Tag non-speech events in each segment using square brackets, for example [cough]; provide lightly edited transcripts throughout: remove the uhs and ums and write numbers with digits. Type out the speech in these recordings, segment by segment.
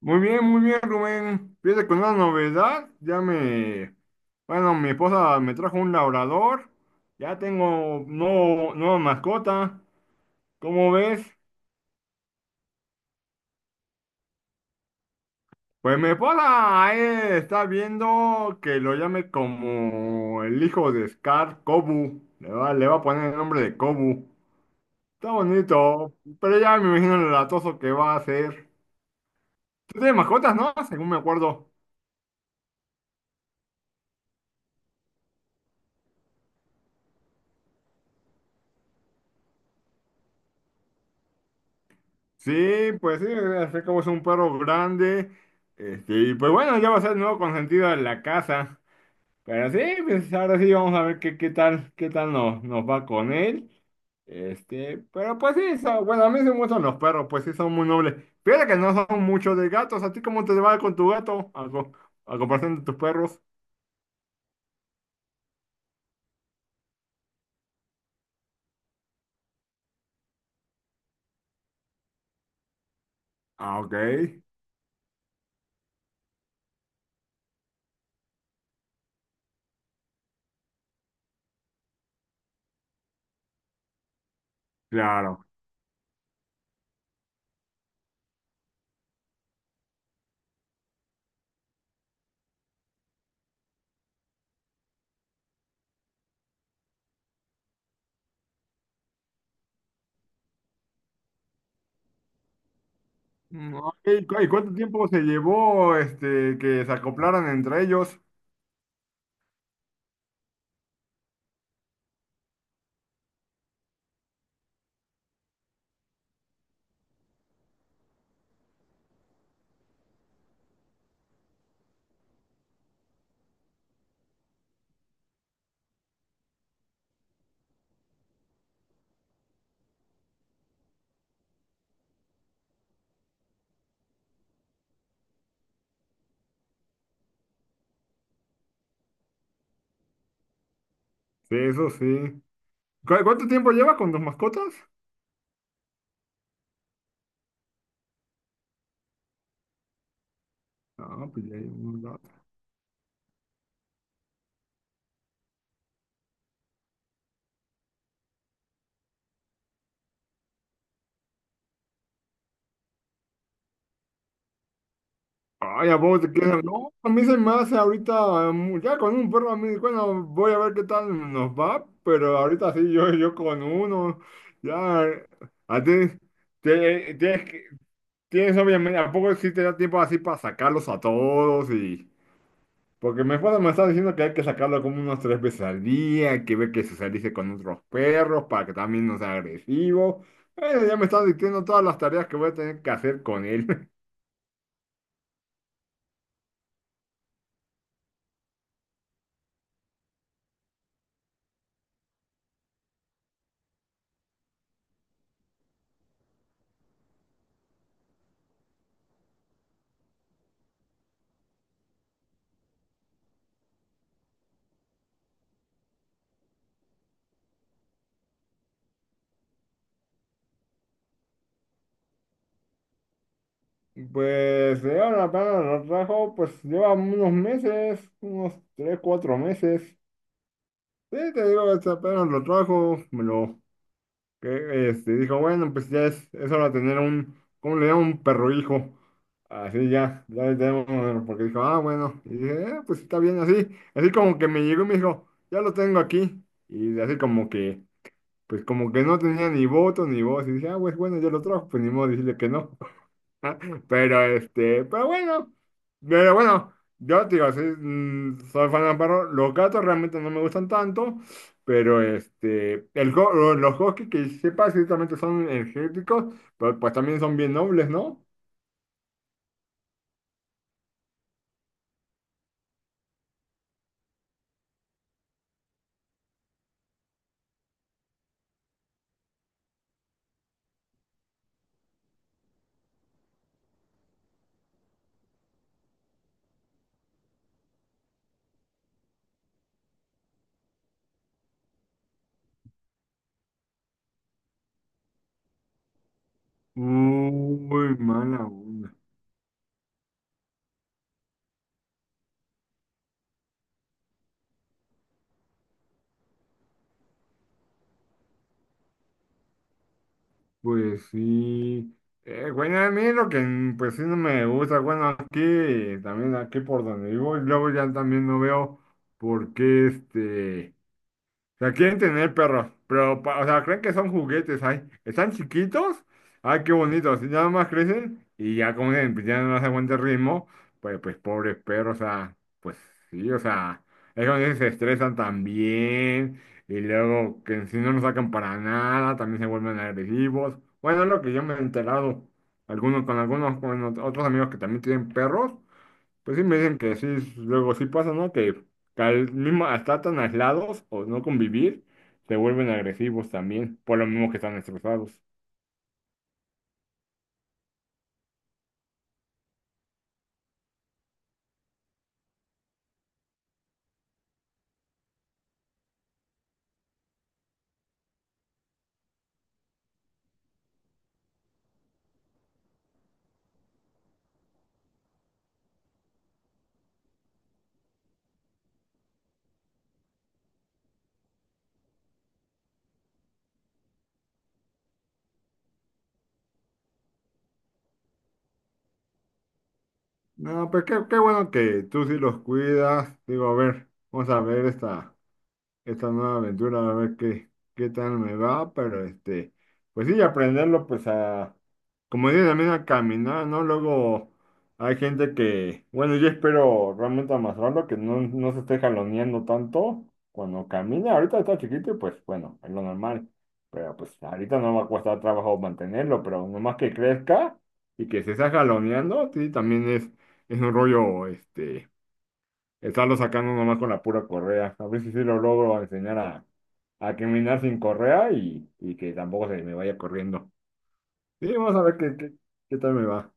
Muy bien, Rubén. Fíjate con una novedad, bueno, mi esposa me trajo un labrador, ya tengo nueva mascota. ¿Cómo ves? Pues mi esposa está viendo que lo llame como el hijo de Scar, Kobu. Le va a poner el nombre de Kobu. Está bonito, pero ya me imagino el latoso que va a ser. Tú tienes mascotas, ¿no? Según me acuerdo. Sí, pues sí, así como es un perro grande. Este, y pues bueno, ya va a ser el nuevo consentido de la casa. Pero sí, pues ahora sí vamos a ver qué tal, qué tal nos va con él. Este, pero pues sí, bueno, a mí sí me gustan los perros, pues sí son muy nobles. Fíjate que no son muchos de gatos. ¿A ti cómo te va con tu gato? A comparación de tus perros. Ah, ok, claro. Mm, ok, ¿y cuánto tiempo se llevó este que se acoplaran entre ellos? Sí, eso sí. ¿Cuánto tiempo llevas con tus mascotas? Ah, pues ya llevo un rato. Ay, ¿a vos te quedas? No, a mí se me hace ahorita, ya con un perro a mí, bueno, voy a ver qué tal nos va, pero ahorita sí, yo con uno, ya, a ti, te- tienes, que- tienes obviamente, ¿a poco sí te da tiempo así para sacarlos a todos? Y, Porque mi esposa me está diciendo que hay que sacarlo como unas tres veces al día, hay que ver que socialice con otros perros para que también no sea agresivo. Ya me está diciendo todas las tareas que voy a tener que hacer con él. [laughs] Pues de ahora para lo trajo, pues lleva unos meses, unos 3, 4 meses. Sí, te digo, este apenas lo trajo, me lo que este, dijo, bueno, pues ya es hora de tener un, ¿cómo le llaman? Un perro hijo. Así ya, ya le tenemos, bueno, porque dijo, ah, bueno, y dije, Pues está bien así." Así como que me llegó y me dijo, ya lo tengo aquí. Y así como que, pues como que no tenía ni voto ni voz. Y dije, ah, pues bueno, ya lo trajo, pues ni modo decirle que no. [laughs] Pero este, pero bueno, yo te digo, soy fan de los. Los gatos realmente no me gustan tanto, pero este, los huskies que sepa ciertamente son energéticos, pero pues también son bien nobles, ¿no? Muy mala onda. Pues sí. Bueno, a mí lo que pues sí no me gusta, bueno, aquí también aquí por donde vivo, y luego ya también no veo por qué este. Sea, quieren tener perros, pero, o sea, creen que son juguetes, ay, están chiquitos, ay, qué bonitos, y nada más crecen y ya como dicen, pues, ya no les aguanta el ritmo, pues, pobres perros, o sea, pues sí, o sea, es cuando dicen, se estresan también, y luego que si no nos sacan para nada, también se vuelven agresivos, bueno, es lo que yo me he enterado, con algunos, con otros amigos que también tienen perros, pues sí me dicen que sí, luego sí pasa, ¿no? Que al mismo, hasta tan aislados o no convivir, se vuelven agresivos también, por lo mismo que están estresados. No, pues qué bueno que tú sí los cuidas. Digo, a ver, vamos a ver esta nueva aventura, a ver qué tal me va, pero este, pues sí, aprenderlo, pues a, como digo, también a caminar, ¿no? Luego hay gente que, bueno, yo espero realmente amasarlo, que no se esté jaloneando tanto cuando camina, ahorita está chiquito y pues bueno, es lo normal, pero pues ahorita no va a costar trabajo mantenerlo, pero nomás que crezca y que se esté jaloneando, sí, también es, un rollo, este. Estarlo sacando nomás con la pura correa. A ver si sí lo logro enseñar a caminar sin correa y que tampoco se me vaya corriendo. Sí, vamos a ver qué tal me va.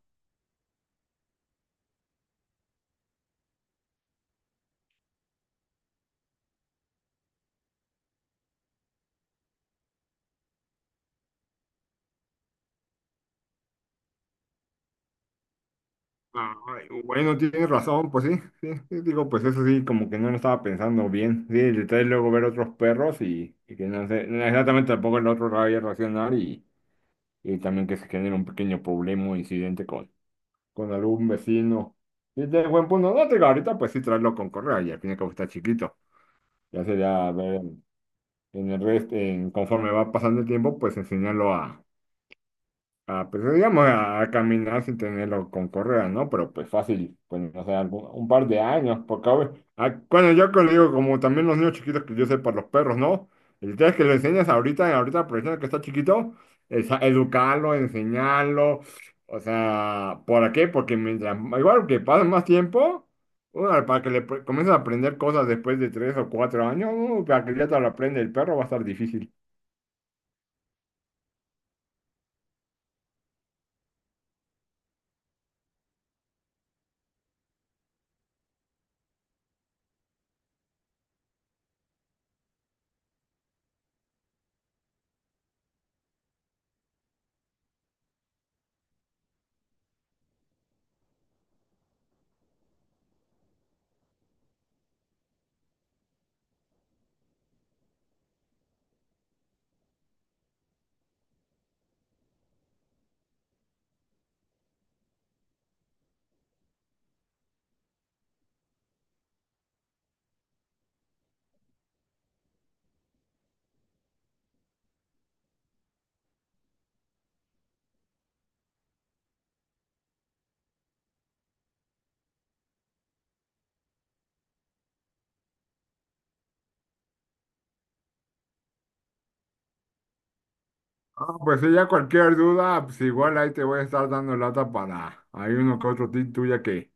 Ay, bueno, tienes razón, pues sí, sí, sí, digo, pues eso sí, como que no lo estaba pensando bien. Sí, el detalle es luego ver otros perros y que no sé, no, exactamente tampoco el otro vaya a reaccionar, y también que se genere un pequeño problema o incidente con algún vecino. Y de buen punto, no te digo, ahorita pues sí traerlo con correa y al fin y al cabo está chiquito. Ya sería, a ver, en el resto, en, conforme va pasando el tiempo, pues enseñarlo a... Ah, pues digamos a caminar sin tenerlo con correa, ¿no? Pero pues fácil, pues no sé, un par de años, porque a ver, ah, bueno, yo que le digo, como también los niños chiquitos que yo sé para los perros, ¿no? El tema es que lo enseñas ahorita, ahorita aprovechando que está chiquito, es educarlo, enseñarlo, o sea, ¿por qué? Porque mientras, igual que pasa más tiempo, uno, para que le comiences a aprender cosas después de 3 o 4 años, para que ya te lo aprende el perro va a estar difícil. Ah, pues si ya cualquier duda, pues igual ahí te voy a estar dando lata. Para. Hay uno que otro tip tuya que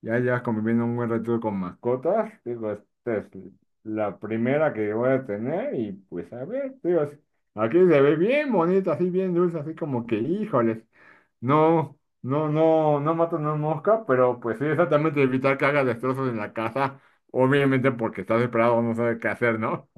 ya llevas conviviendo un buen rato con mascotas. Digo, esta es la primera que voy a tener y pues a ver, digo, aquí se ve bien bonita, así bien dulce, así como que, híjoles, no, no, no, no mata una mosca, pero pues sí, exactamente evitar que haga destrozos en la casa, obviamente porque está desesperado, no sabe qué hacer, ¿no?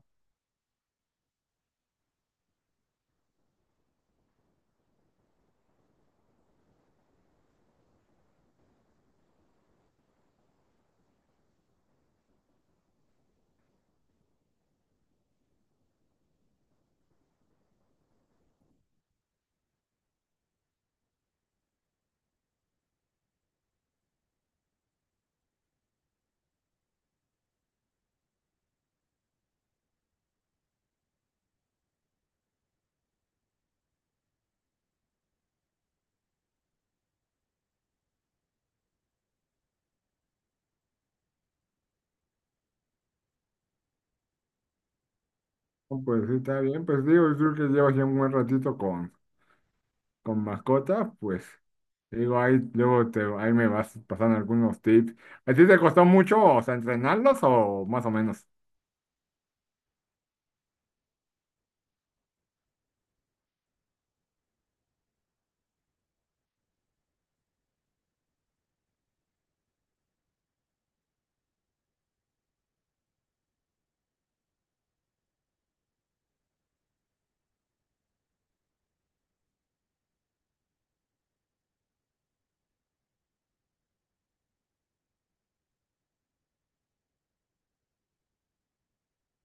No, pues sí, está bien, pues digo, yo creo que llevas ya un buen ratito con mascotas, pues te digo, ahí luego ahí me vas pasando algunos tips. ¿A ti te costó mucho, o sea, entrenarlos o más o menos?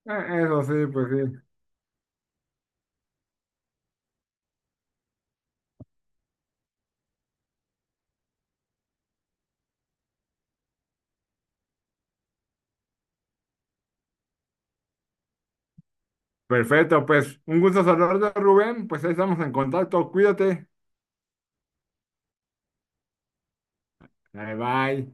Eso sí, pues sí. Perfecto, pues un gusto saludarte, Rubén. Pues ahí estamos en contacto. Cuídate. Bye bye.